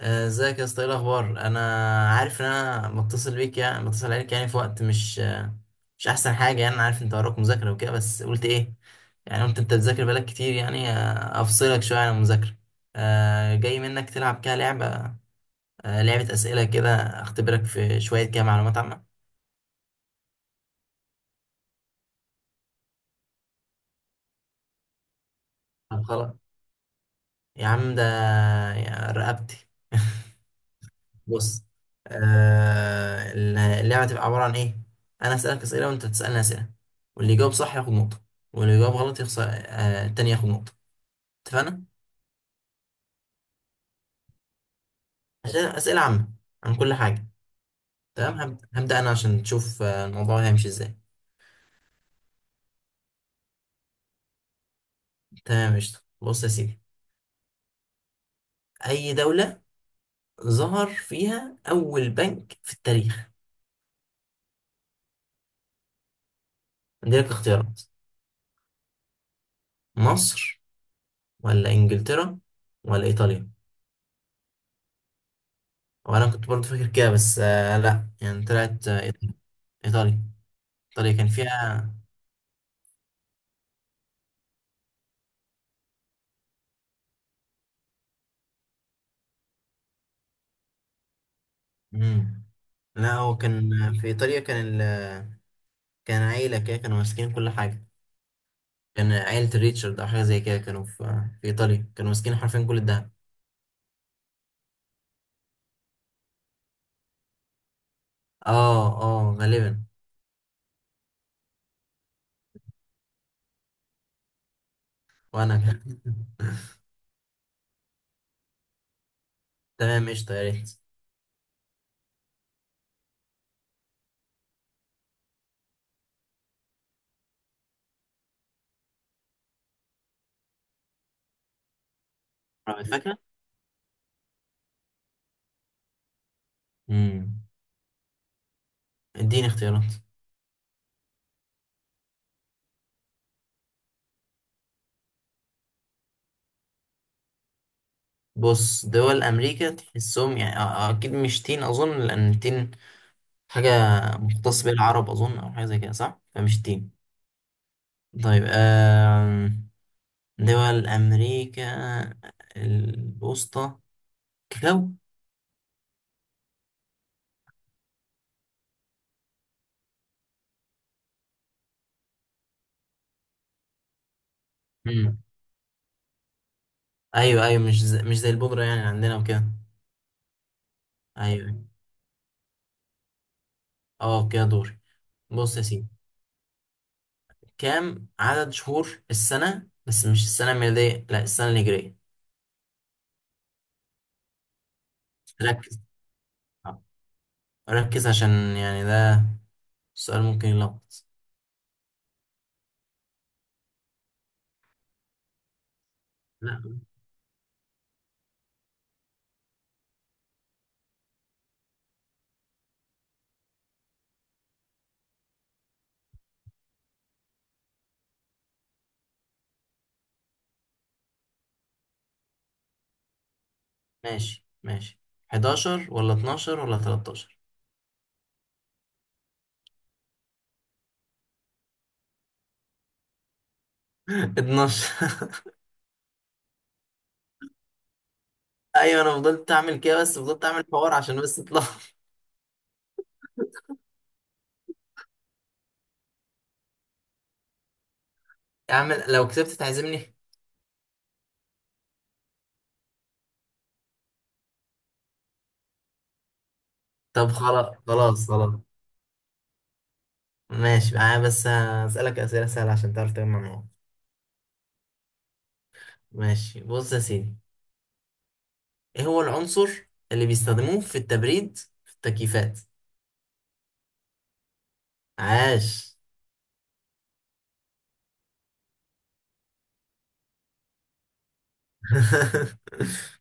ازيك يا اسطى، ايه الاخبار؟ انا عارف ان متصل بيك، يعني متصل عليك يعني في وقت مش مش احسن حاجه. يعني انا عارف انت وراك مذاكره وكده، بس قلت ايه يعني، قلت انت بتذاكر بقالك كتير، يعني افصلك شويه عن المذاكره. جاي منك تلعب كده لعبه، لعبه اسئله كده، اختبرك في شويه كده معلومات عامه. طب خلاص يا عم ده، يا رقبتي. بص. آه. اللعبة هتبقى عبارة عن إيه؟ أنا أسألك أسئلة وأنت تسألني أسئلة، واللي يجاوب صح ياخد نقطة، واللي يجاوب غلط يخسر، التاني ياخد نقطة. اتفقنا؟ عشان أسئلة عامة عن كل حاجة. تمام. هبدأ أنا عشان تشوف الموضوع هيمشي إزاي. تمام قشطة، بص يا سيدي. أي دولة ظهر فيها أول بنك في التاريخ؟ عندي لك اختيارات: مصر، ولا إنجلترا، ولا إيطاليا؟ وأنا كنت برضه فاكر كده، بس آه لأ، يعني طلعت إيطاليا. إيطاليا كان فيها. مم. لا هو كان في إيطاليا، كان ال... كان عيلة كده كانوا ماسكين كل حاجة. كان عيلة ريتشارد أو حاجة زي كده، كانوا في... في إيطاليا كانوا ماسكين حرفيا كل الدهب. اه، اه غالبا. وأنا كان. تمام قشطة، يا ريت. عملت فاكرة؟ مم. اديني اختيارات. بص، دول أمريكا تحسهم يعني أكيد مش تين أظن، لأن التين حاجة مختص بيها العرب أظن، أو حاجة زي كده، صح؟ فمش تين. طيب آه... دول أمريكا الوسطى، كاكاو. مم. أيوة أيوة، مش زي البودرة يعني عندنا وكده. أيوة. أه كده دوري. بص يا سيدي، كام عدد شهور السنة؟ بس مش السنة الميلادية، لا السنة الهجرية. ركز. آه، ركز عشان يعني ده السؤال ممكن يلخبط. لا. ماشي ماشي، 11 ولا 12 ولا 13؟ 12. ايوه، انا فضلت اعمل كده، بس فضلت اعمل حوار عشان بس اطلع. اعمل لو كسبت تعزمني. طب خلاص خلاص خلاص. ماشي، انا بس هسألك أسئلة سهلة عشان تعرف تجمع نقط. ماشي، بص يا سيدي، ايه هو العنصر اللي بيستخدموه في التبريد في التكييفات؟ عاش.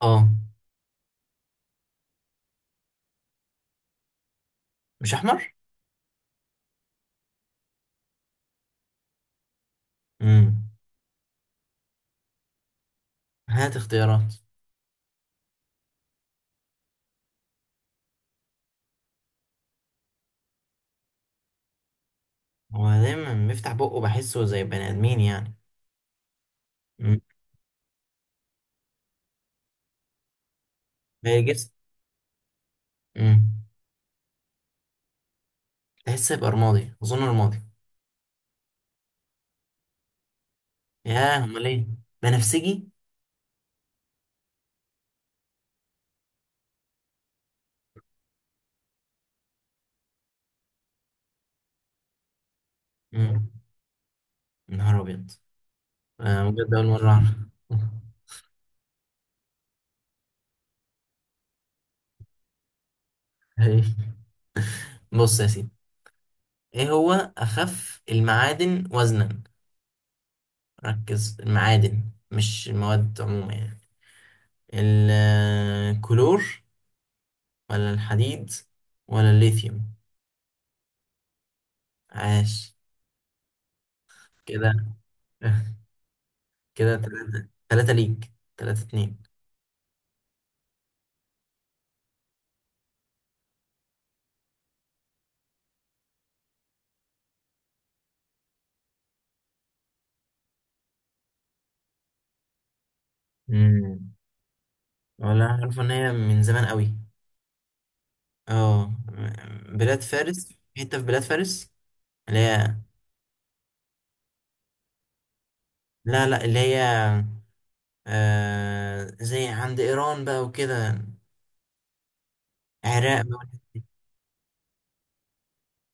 اه. مش احمر. امم. هات اختيارات. هو دايما بيفتح بقه، بحسه زي بني ادمين يعني. امم. باقي الجسم. امم. تحس يبقى رمادي، اظن رمادي. ياه، امال ايه؟ بنفسجي. امم. نهار ابيض. بجد اول مره اعرف. بص يا سيدي، ايه هو اخف المعادن وزنا؟ ركز، المعادن مش المواد عموما يعني. الكلور، ولا الحديد، ولا الليثيوم؟ عاش. كده. كده تلاتة تلاتة ليك، تلاتة اتنين. مم. ولا عارف ان هي من زمان قوي. اه. بلاد فارس، حتة في بلاد فارس، اللي هي. لا لا، اللي هي آه زي عند ايران بقى وكده، عراق بقى والحتة دي.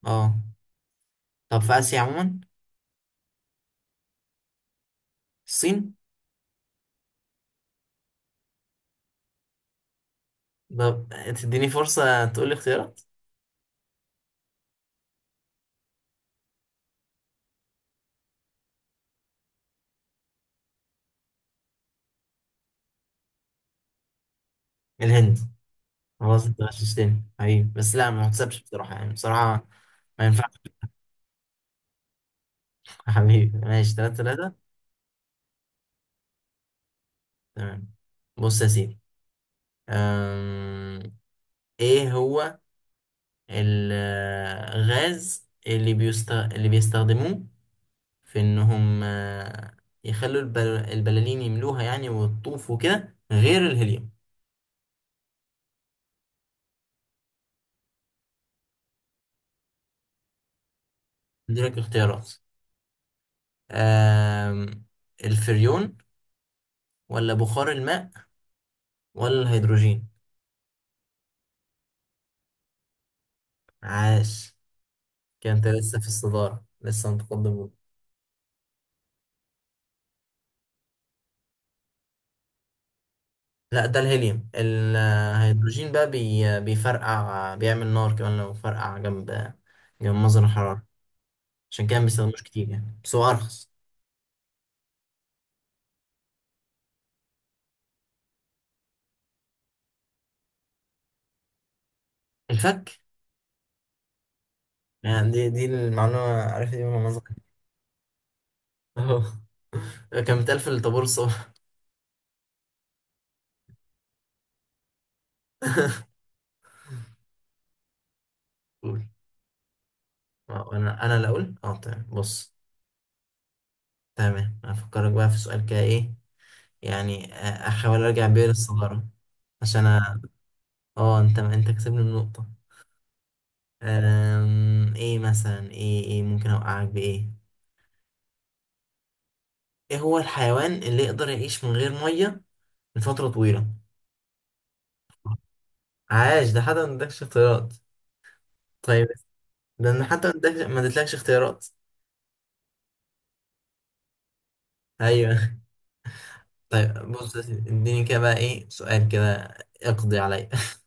اه. طب في آسيا عموما، الصين؟ طب تديني فرصة تقول لي اختيارات؟ الهند. خلاص انت غششتني حبيبي، بس لا ما تحسبش بصراحة، يعني بصراحة ما ينفعش. حبيبي ماشي، تلاتة تلاتة. تمام، بص يا سيدي. أم... ايه هو الغاز اللي اللي بيستخدموه في انهم يخلوا البلالين يملوها يعني ويطوفوا كده، غير الهيليوم؟ اديلك اختيارات. أم... الفريون، ولا بخار الماء، ولا الهيدروجين؟ عاش. كده انت لسه في الصدارة، لسه متقدم. لا ده الهيليوم، الهيدروجين بقى بيفرقع، بيعمل نار كمان لو فرقع جنب مصدر الحرارة. عشان كده ما بيستخدموش كتير يعني، بس هو أرخص. الفك. يعني دي المعلومة، عارف دي من منظر. اهو. كان بيتقال في الطابور الصبح. قول. اه، انا اللي اقول اه. تمام، بص. تمام، هفكرك بقى في سؤال كده، ايه يعني، احاول ارجع بيا للصدارة، عشان اه، انت كسبني النقطة. أم... ايه مثلا، ايه ممكن اوقعك بايه؟ ايه هو الحيوان اللي يقدر يعيش من غير مية لفترة طويلة؟ عاش. ده حتى ما ادكش اختيارات. طيب، ده انا حتى ما ادكش، ما ادتلكش اختيارات. ايوه. طيب بص يا سيدي، اديني كده بقى ايه سؤال كده، اقضي عليا.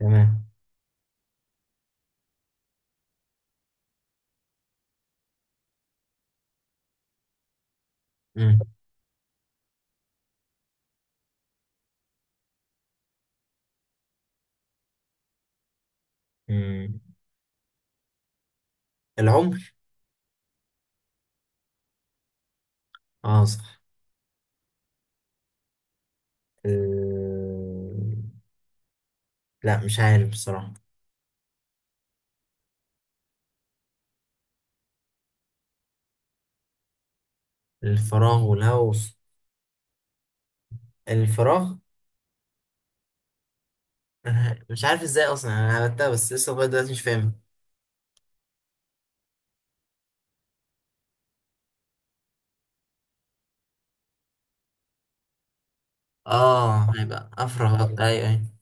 تمام. مم. مم. العمر. اه صح. أه، لا مش عارف بصراحة. الفراغ والهوس. الفراغ. أنا مش عارف ازاي اصلا انا عملتها، بس لسه لغايه دلوقتي مش فاهم. اه هيبقى افرغ. ايوه ايوه.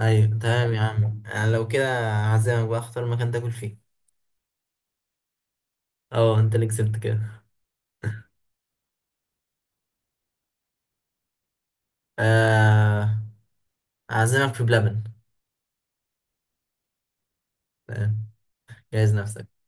ايوه تمام يا عم، انا لو كده هعزمك بقى، اختار مكان تاكل فيه. اه انت اللي كسبت كده. آه، هعزمك في بلبن. تمام، جهز نفسك.